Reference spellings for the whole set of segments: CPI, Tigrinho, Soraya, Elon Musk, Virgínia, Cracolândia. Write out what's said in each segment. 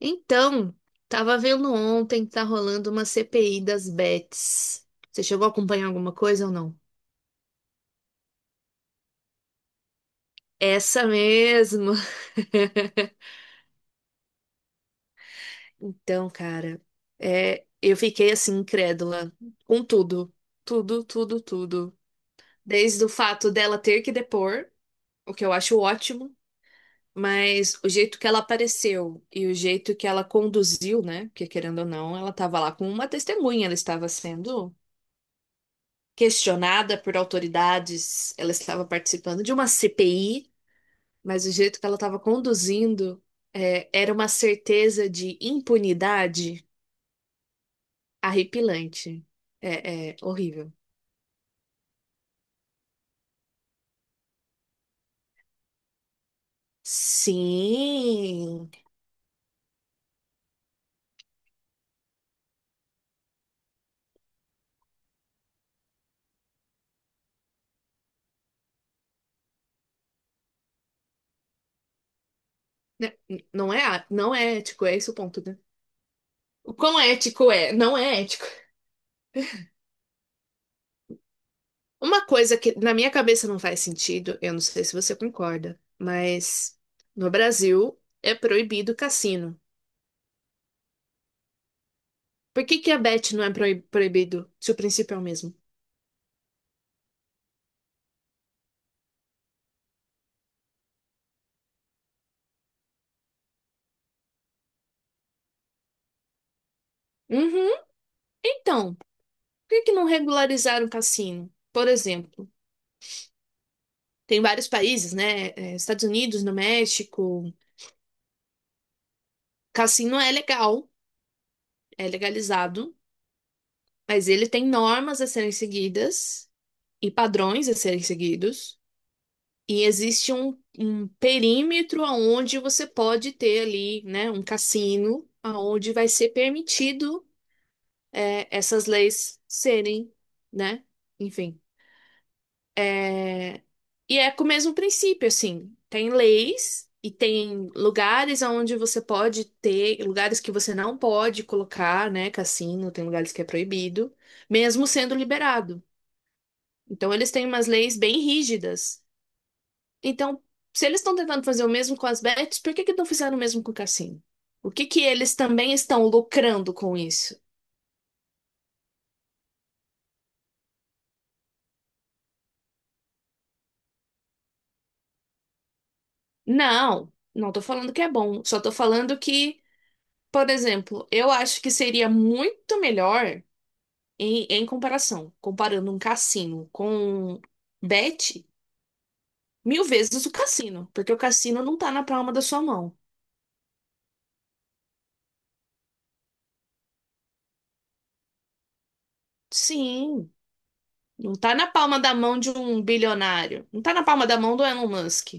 Então, tava vendo ontem que tá rolando uma CPI das bets. Você chegou a acompanhar alguma coisa ou não? Essa mesmo. Então, cara, é, eu fiquei assim incrédula com tudo, tudo, tudo, tudo. Desde o fato dela ter que depor, o que eu acho ótimo, mas o jeito que ela apareceu e o jeito que ela conduziu, né? Porque querendo ou não, ela estava lá com uma testemunha, ela estava sendo questionada por autoridades. Ela estava participando de uma CPI, mas o jeito que ela estava conduzindo era uma certeza de impunidade arrepilante. É, é horrível. Sim. Né, não é, não é ético, é esse o ponto, né? O quão ético é? Não é ético. Uma coisa que na minha cabeça não faz sentido, eu não sei se você concorda, mas no Brasil é proibido cassino. Por que que a bet não é proibido, se o princípio é o mesmo? Uhum. Então, por que que não regularizaram o cassino? Por exemplo, tem vários países, né? É, Estados Unidos, no México, cassino é legal, é legalizado, mas ele tem normas a serem seguidas e padrões a serem seguidos. E existe um perímetro aonde você pode ter ali, né, um cassino, aonde vai ser permitido, é, essas leis serem, né? Enfim. E é com o mesmo princípio, assim. Tem leis e tem lugares onde você pode ter, lugares que você não pode colocar, né? Cassino, tem lugares que é proibido, mesmo sendo liberado. Então, eles têm umas leis bem rígidas. Então, se eles estão tentando fazer o mesmo com as bets, por que que não fizeram o mesmo com o cassino? O que que eles também estão lucrando com isso? Não, não tô falando que é bom, só tô falando que, por exemplo, eu acho que seria muito melhor. Em comparação, comparando um cassino com bet, mil vezes o cassino, porque o cassino não tá na palma da sua mão. Sim, não tá na palma da mão de um bilionário, não tá na palma da mão do Elon Musk.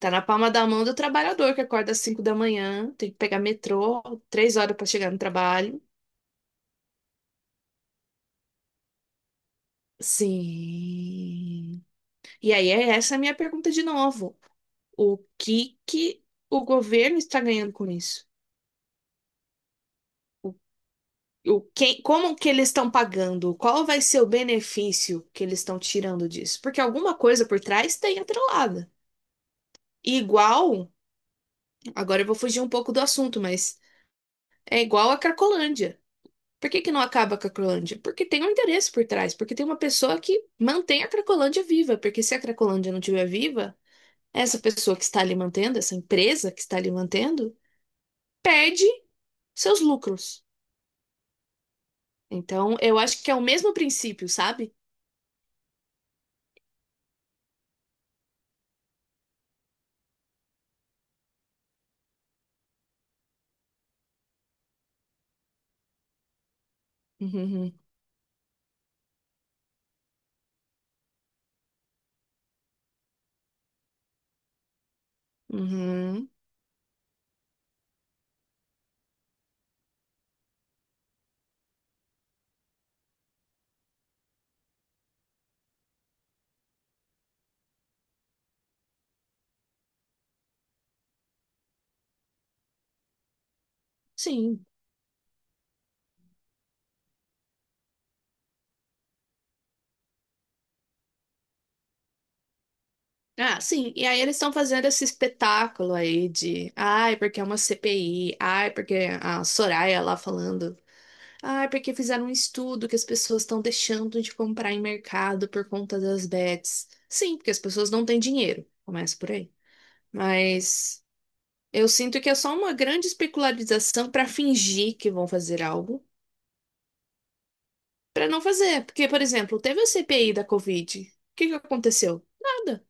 Tá na palma da mão do trabalhador que acorda às 5 da manhã, tem que pegar metrô, 3 horas pra chegar no trabalho. Sim. E aí, é essa é a minha pergunta de novo. O que que o governo está ganhando com isso? Como que eles estão pagando? Qual vai ser o benefício que eles estão tirando disso? Porque alguma coisa por trás tem atrelada. E igual, agora eu vou fugir um pouco do assunto, mas é igual a Cracolândia. Por que que não acaba a Cracolândia? Porque tem um interesse por trás, porque tem uma pessoa que mantém a Cracolândia viva, porque se a Cracolândia não estiver viva, essa pessoa que está ali mantendo, essa empresa que está ali mantendo, perde seus lucros. Então, eu acho que é o mesmo princípio, sabe? Uhum. Uhum. Sim. Ah, sim. E aí eles estão fazendo esse espetáculo aí de, ai, porque é uma CPI, ai, porque a Soraya lá falando, ai, porque fizeram um estudo que as pessoas estão deixando de comprar em mercado por conta das bets. Sim, porque as pessoas não têm dinheiro. Começa por aí. Mas eu sinto que é só uma grande especularização para fingir que vão fazer algo, para não fazer. Porque, por exemplo, teve a CPI da Covid. O que que aconteceu? Nada.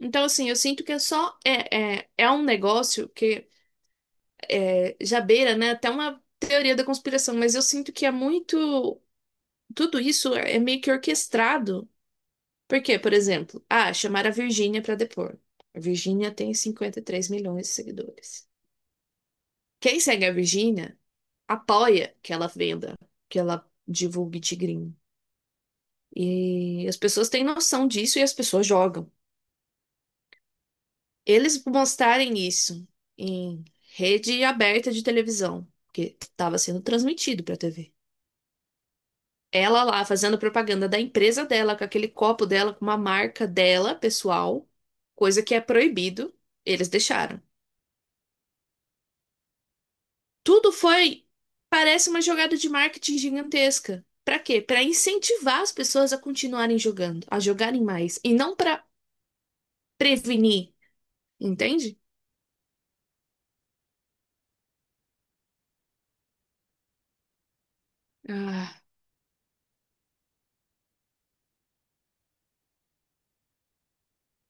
Então, assim, eu sinto que é só é um negócio que já beira, né, até uma teoria da conspiração, mas eu sinto que é muito. Tudo isso é meio que orquestrado. Por quê? Por exemplo, chamar a Virgínia para depor. A Virgínia tem 53 milhões de seguidores. Quem segue a Virgínia apoia que ela venda, que ela divulgue Tigrinho. E as pessoas têm noção disso e as pessoas jogam. Eles mostrarem isso em rede aberta de televisão, porque estava sendo transmitido para a TV. Ela lá fazendo propaganda da empresa dela, com aquele copo dela, com uma marca dela, pessoal, coisa que é proibido, eles deixaram. Tudo foi, parece uma jogada de marketing gigantesca. Para quê? Para incentivar as pessoas a continuarem jogando, a jogarem mais, e não para prevenir, entende? Ah,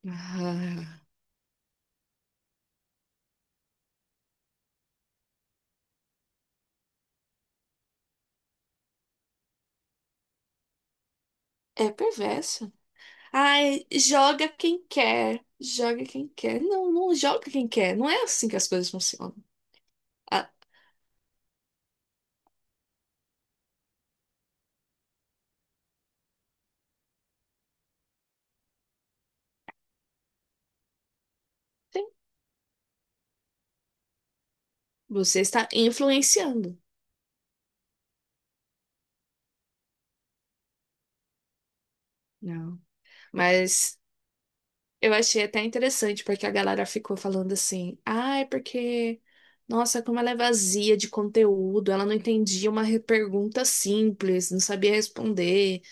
ah, é perverso. Ai, joga quem quer. Joga quem quer. Não, não joga quem quer. Não é assim que as coisas funcionam. Ah, sim, você está influenciando. Não. Mas eu achei até interessante, porque a galera ficou falando assim, ai, porque. Nossa, como ela é vazia de conteúdo, ela não entendia uma pergunta simples, não sabia responder.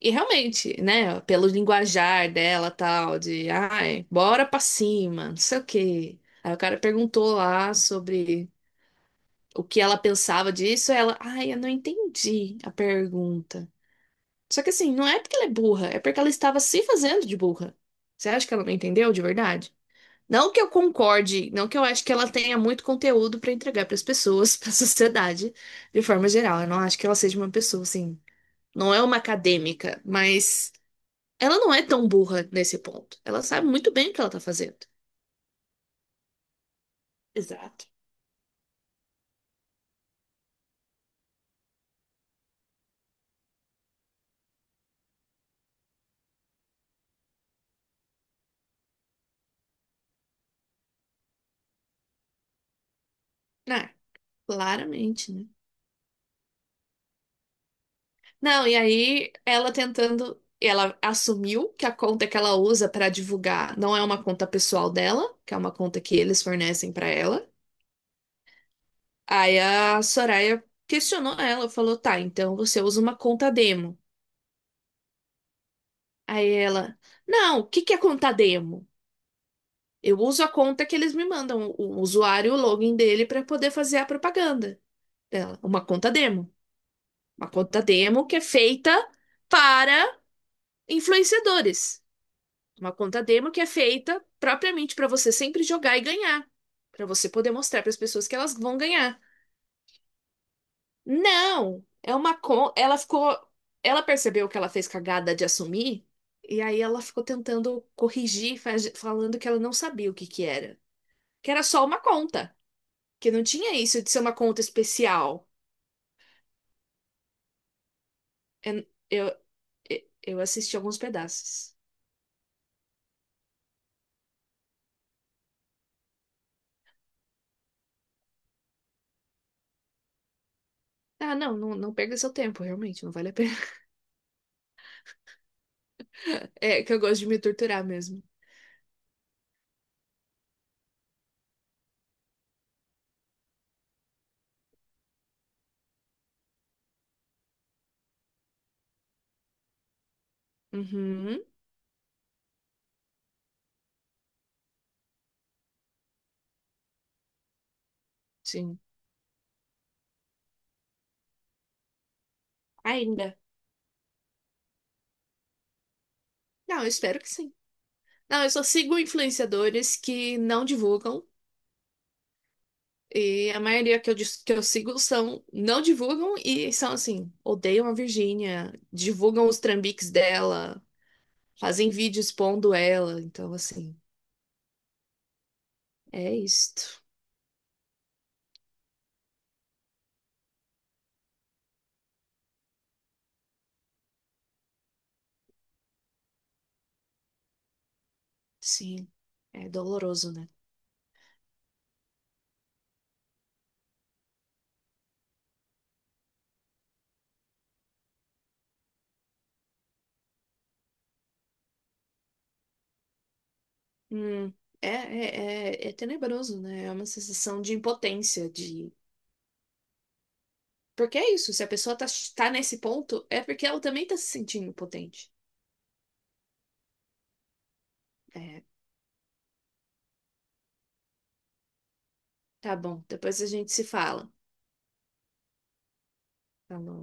E realmente, né, pelo linguajar dela, tal, de, ai, bora pra cima, não sei o quê. Aí o cara perguntou lá sobre o que ela pensava disso, ela, ai, eu não entendi a pergunta. Só que assim, não é porque ela é burra, é porque ela estava se fazendo de burra. Você acha que ela não entendeu de verdade? Não que eu concorde, não que eu acho que ela tenha muito conteúdo pra entregar pras pessoas, pra sociedade, de forma geral. Eu não acho que ela seja uma pessoa assim, não é uma acadêmica, mas ela não é tão burra nesse ponto. Ela sabe muito bem o que ela tá fazendo. Exato. Ah, claramente, né? Não, e aí ela tentando. Ela assumiu que a conta que ela usa pra divulgar não é uma conta pessoal dela, que é uma conta que eles fornecem pra ela. Aí a Soraya questionou ela, falou: tá, então você usa uma conta demo. Aí ela: não, o que que é conta demo? Eu uso a conta que eles me mandam, o usuário, o login dele, pra poder fazer a propaganda dela, uma conta demo. Uma conta demo que é feita para influenciadores. Uma conta demo que é feita propriamente para você sempre jogar e ganhar, para você poder mostrar para as pessoas que elas vão ganhar. Não, ela ficou, ela percebeu que ela fez cagada de assumir e aí ela ficou tentando corrigir, falando que ela não sabia o que que era só uma conta, que não tinha isso de ser uma conta especial. É- Eu, eu assisti alguns pedaços. Ah, não, não, não perca seu tempo, realmente, não vale a pena. É que eu gosto de me torturar mesmo. Uhum, sim. Ainda. Não, eu espero que sim. Não, eu só sigo influenciadores que não divulgam. E a maioria que eu sigo são não divulgam e são assim, odeiam a Virgínia, divulgam os trambiques dela, fazem vídeo expondo ela. Então, assim, é isto. Sim, é doloroso, né? Hum, é tenebroso, né? É uma sensação de impotência, de Porque é isso, se a pessoa tá, tá nesse ponto, é porque ela também tá se sentindo potente. É, tá bom, depois a gente se fala. Falou.